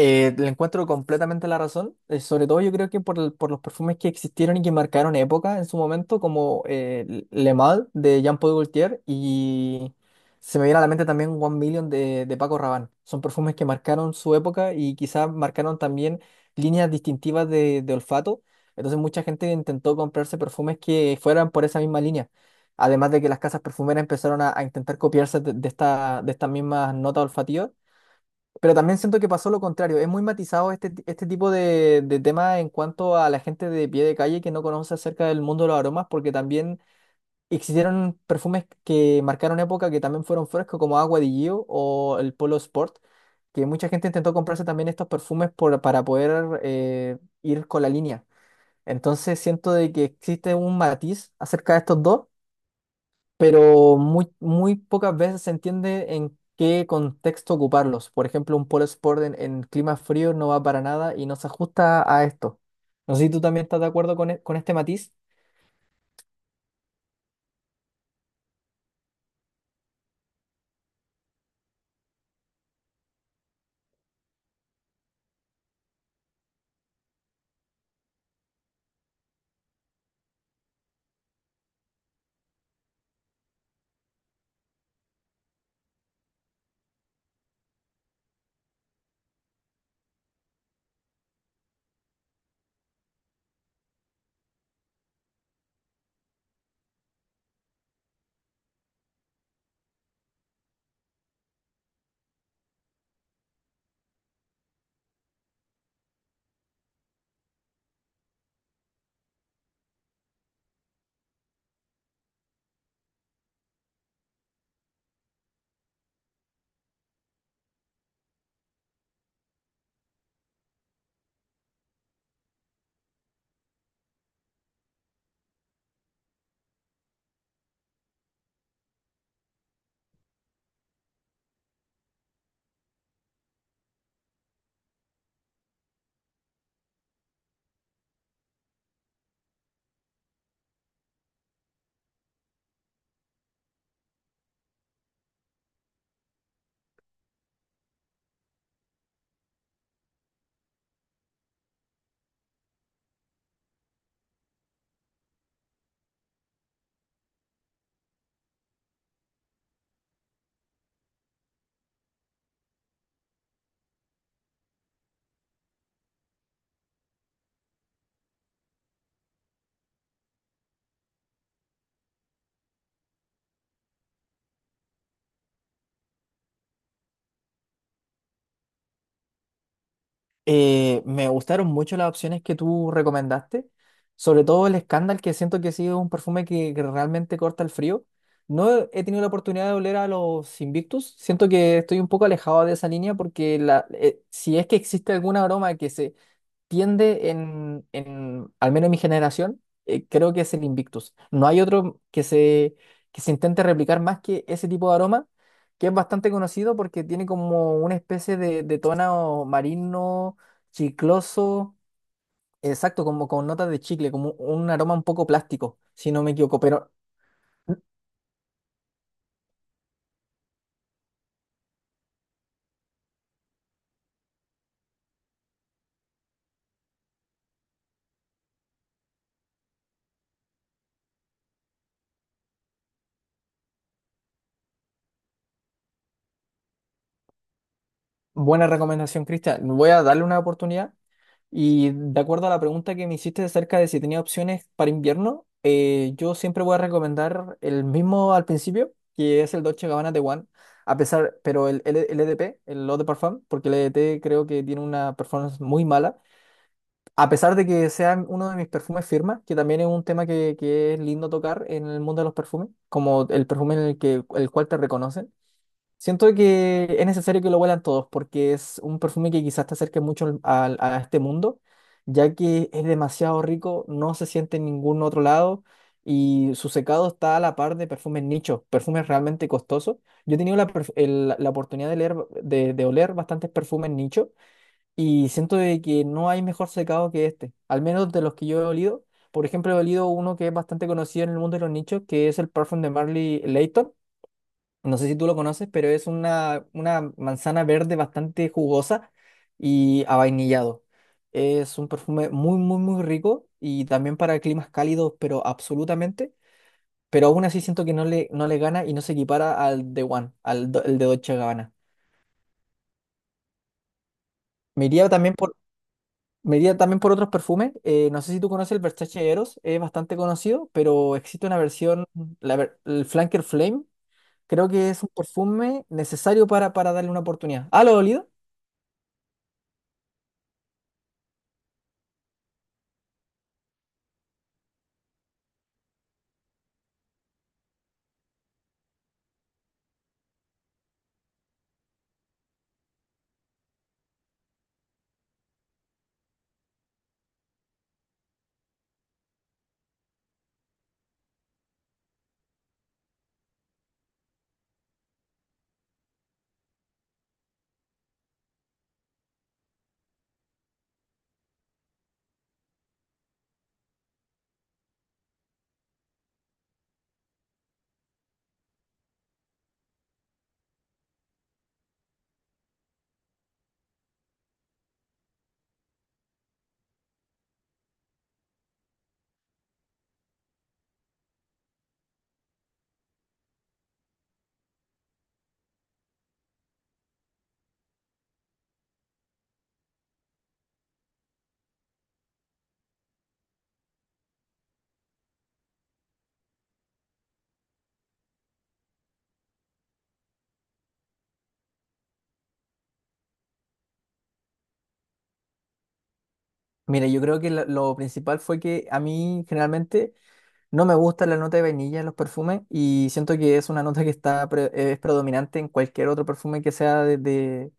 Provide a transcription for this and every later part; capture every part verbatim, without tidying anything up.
Eh, le encuentro completamente la razón, eh, sobre todo yo creo que por, el- por los perfumes que existieron y que marcaron época en su momento, como eh, Le Mal de Jean-Paul Gaultier y se me viene a la mente también One Million de, de Paco Rabanne. Son perfumes que marcaron su época y quizás marcaron también líneas distintivas de, de olfato. Entonces mucha gente intentó comprarse perfumes que fueran por esa misma línea. Además de que las casas perfumeras empezaron a, a intentar copiarse de, de esta, de estas mismas notas olfativas. Pero también siento que pasó lo contrario. Es muy matizado este, ti- este tipo de, de tema en cuanto a la gente de pie de calle que no conoce acerca del mundo de los aromas, porque también existieron perfumes que marcaron época que también fueron frescos, como Agua di Gio o el Polo Sport, que mucha gente intentó comprarse también estos perfumes por- para poder eh, ir con la línea. Entonces siento de que existe un matiz acerca de estos dos, pero muy, muy pocas veces se entiende en qué contexto ocuparlos. Por ejemplo, un polo sport en, en clima frío no va para nada y no se ajusta a esto. No sé si tú también estás de acuerdo con, e- con este matiz. Eh, me gustaron mucho las opciones que tú recomendaste, sobre todo el Scandal, que siento que ha sido un perfume que, que realmente corta el frío. No he he tenido la oportunidad de oler a los Invictus. Siento que estoy un poco alejado de esa línea porque la, eh, si es que existe algún aroma que se tiende en, en, al menos en mi generación, eh, creo que es el Invictus. No hay otro que se, que se intente replicar más que ese tipo de aroma, que es bastante conocido porque tiene como una especie de, de tono marino, chicloso, exacto, como con notas de chicle, como un aroma un poco plástico, si no me equivoco. Pero mm, buena recomendación, Cristian. Voy a darle una oportunidad. Y de acuerdo a la pregunta que me hiciste acerca de si tenía opciones para invierno, eh, yo siempre voy a recomendar el mismo al principio, que es el Dolce Gabbana de One, a pesar, pero el L- LDP, el Eau de Parfum, porque el L D P creo que tiene una performance muy mala, a pesar de que sea uno de mis perfumes firma, que también es un tema que, que es lindo tocar en el mundo de los perfumes, como el perfume en el que, el cual te reconocen. Siento que es necesario que lo huelan todos porque es un perfume que quizás te acerque mucho al- al- a este mundo, ya que es demasiado rico, no se siente en ningún otro lado y su secado está a la par de perfumes nichos, perfumes realmente costosos. Yo he tenido la, perf- el- la oportunidad de, leer, de, de oler bastantes perfumes nicho y siento de que no hay mejor secado que este, al menos de los que yo he olido. Por ejemplo, he olido uno que es bastante conocido en el mundo de los nichos, que es el perfume de Marley Layton, no sé si tú lo conoces, pero es una, una manzana verde bastante jugosa y avainillado. Es un perfume muy, muy, muy rico y también para climas cálidos, pero absolutamente. Pero aún así siento que no le, no le gana y no se equipara al The One, al do- el de Dolce Gabbana. Me iría también por, me iría también por otros perfumes. Eh, no sé si tú conoces el Versace Eros, es bastante conocido, pero existe una versión, la ver- el Flanker Flame. Creo que es un perfume necesario para, para darle una oportunidad. ¿Ah, lo he olido? Mira, yo creo que la- lo principal fue que a mí generalmente no me gusta la nota de vainilla en los perfumes y siento que es una nota que está pre- es predominante en cualquier otro perfume que sea de, de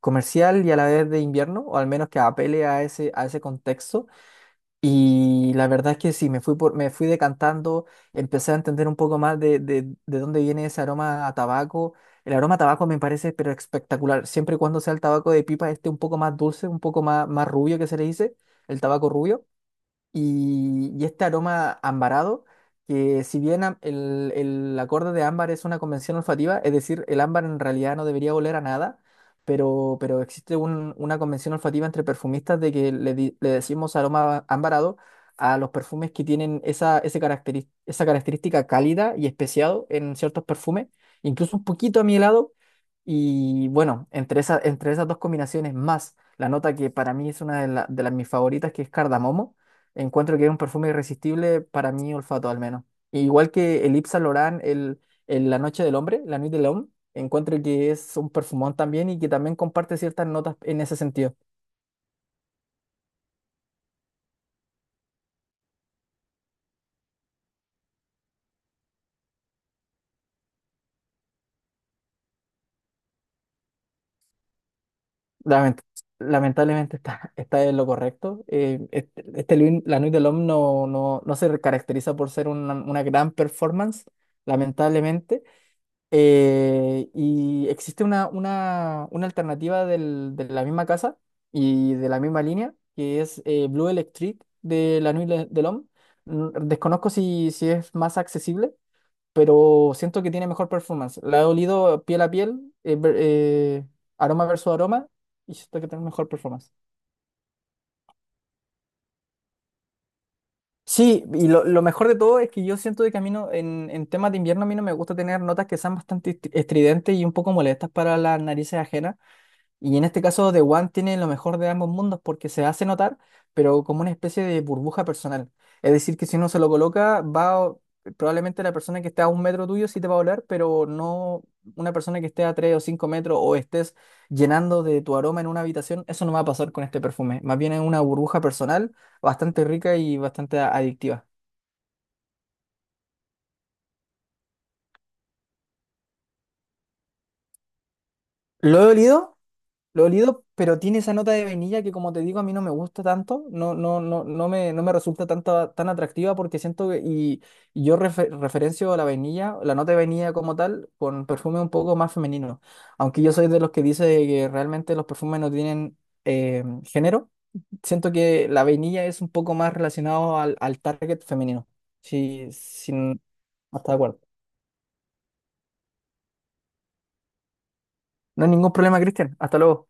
comercial y a la vez de invierno, o al menos que apele a ese, a ese contexto. Y la verdad es que sí, me fui por, me fui decantando, empecé a entender un poco más de, de, de dónde viene ese aroma a tabaco. El aroma a tabaco me parece pero espectacular, siempre y cuando sea el tabaco de pipa, este un poco más dulce, un poco más, más rubio que se le dice, el tabaco rubio y, y este aroma ambarado, que si bien am- el, el acorde de ámbar es una convención olfativa, es decir, el ámbar en realidad no debería oler a nada, pero, pero existe un- una convención olfativa entre perfumistas de que le, di- le decimos aroma ambarado a los perfumes que tienen esa, ese caracteri- esa característica cálida y especiado en ciertos perfumes, incluso un poquito amielado. Y bueno, entre, esa- entre esas dos combinaciones más la nota que para mí es una de, la- de las mis favoritas, que es cardamomo. Encuentro que es un perfume irresistible para mi olfato al menos. Igual que el Yves Saint Laurent, el, el La Noche del Hombre, La Nuit de l'Homme, encuentro que es un perfumón también y que también comparte ciertas notas en ese sentido. Lament- lamentablemente está, está en lo correcto. Eh, este, este Louis- La Nuit del l'Homme no, no, no se caracteriza por ser una, una gran performance, lamentablemente. Eh, y existe una, una, una alternativa del- de la misma casa y de la misma línea, que es eh, Blue Electric de la Nuit Le- de Homme. Mm, Desconozco si, si es más accesible, pero siento que tiene mejor performance. La he olido piel a piel, eh, ver- eh, aroma versus aroma, y siento que tiene mejor performance. Sí, y lo, lo mejor de todo es que yo siento de camino en, en temas de invierno a mí no me gusta tener notas que sean bastante estri- estridentes y un poco molestas para las narices ajenas. Y en este caso, The One tiene lo mejor de ambos mundos porque se hace notar, pero como una especie de burbuja personal. Es decir, que si uno se lo coloca, va probablemente la persona que esté a un metro tuyo sí te va a oler, pero no una persona que esté a tres o cinco metros o estés llenando de tu aroma en una habitación. Eso no va a pasar con este perfume. Más bien es una burbuja personal bastante rica y bastante a- adictiva. ¿Lo he olido? Lo he olido, pero tiene esa nota de vainilla que, como te digo, a mí no me gusta tanto, no, no, no, no me, no me resulta tanto, tan atractiva porque siento que, y, y yo refe- referencio a la vainilla, la nota de vainilla como tal, con perfume un poco más femenino. Aunque yo soy de los que dice que realmente los perfumes no tienen eh, género, siento que la vainilla es un poco más relacionado al, al target femenino. Sí, sin, hasta de acuerdo. No hay ningún problema, Cristian. Hasta luego.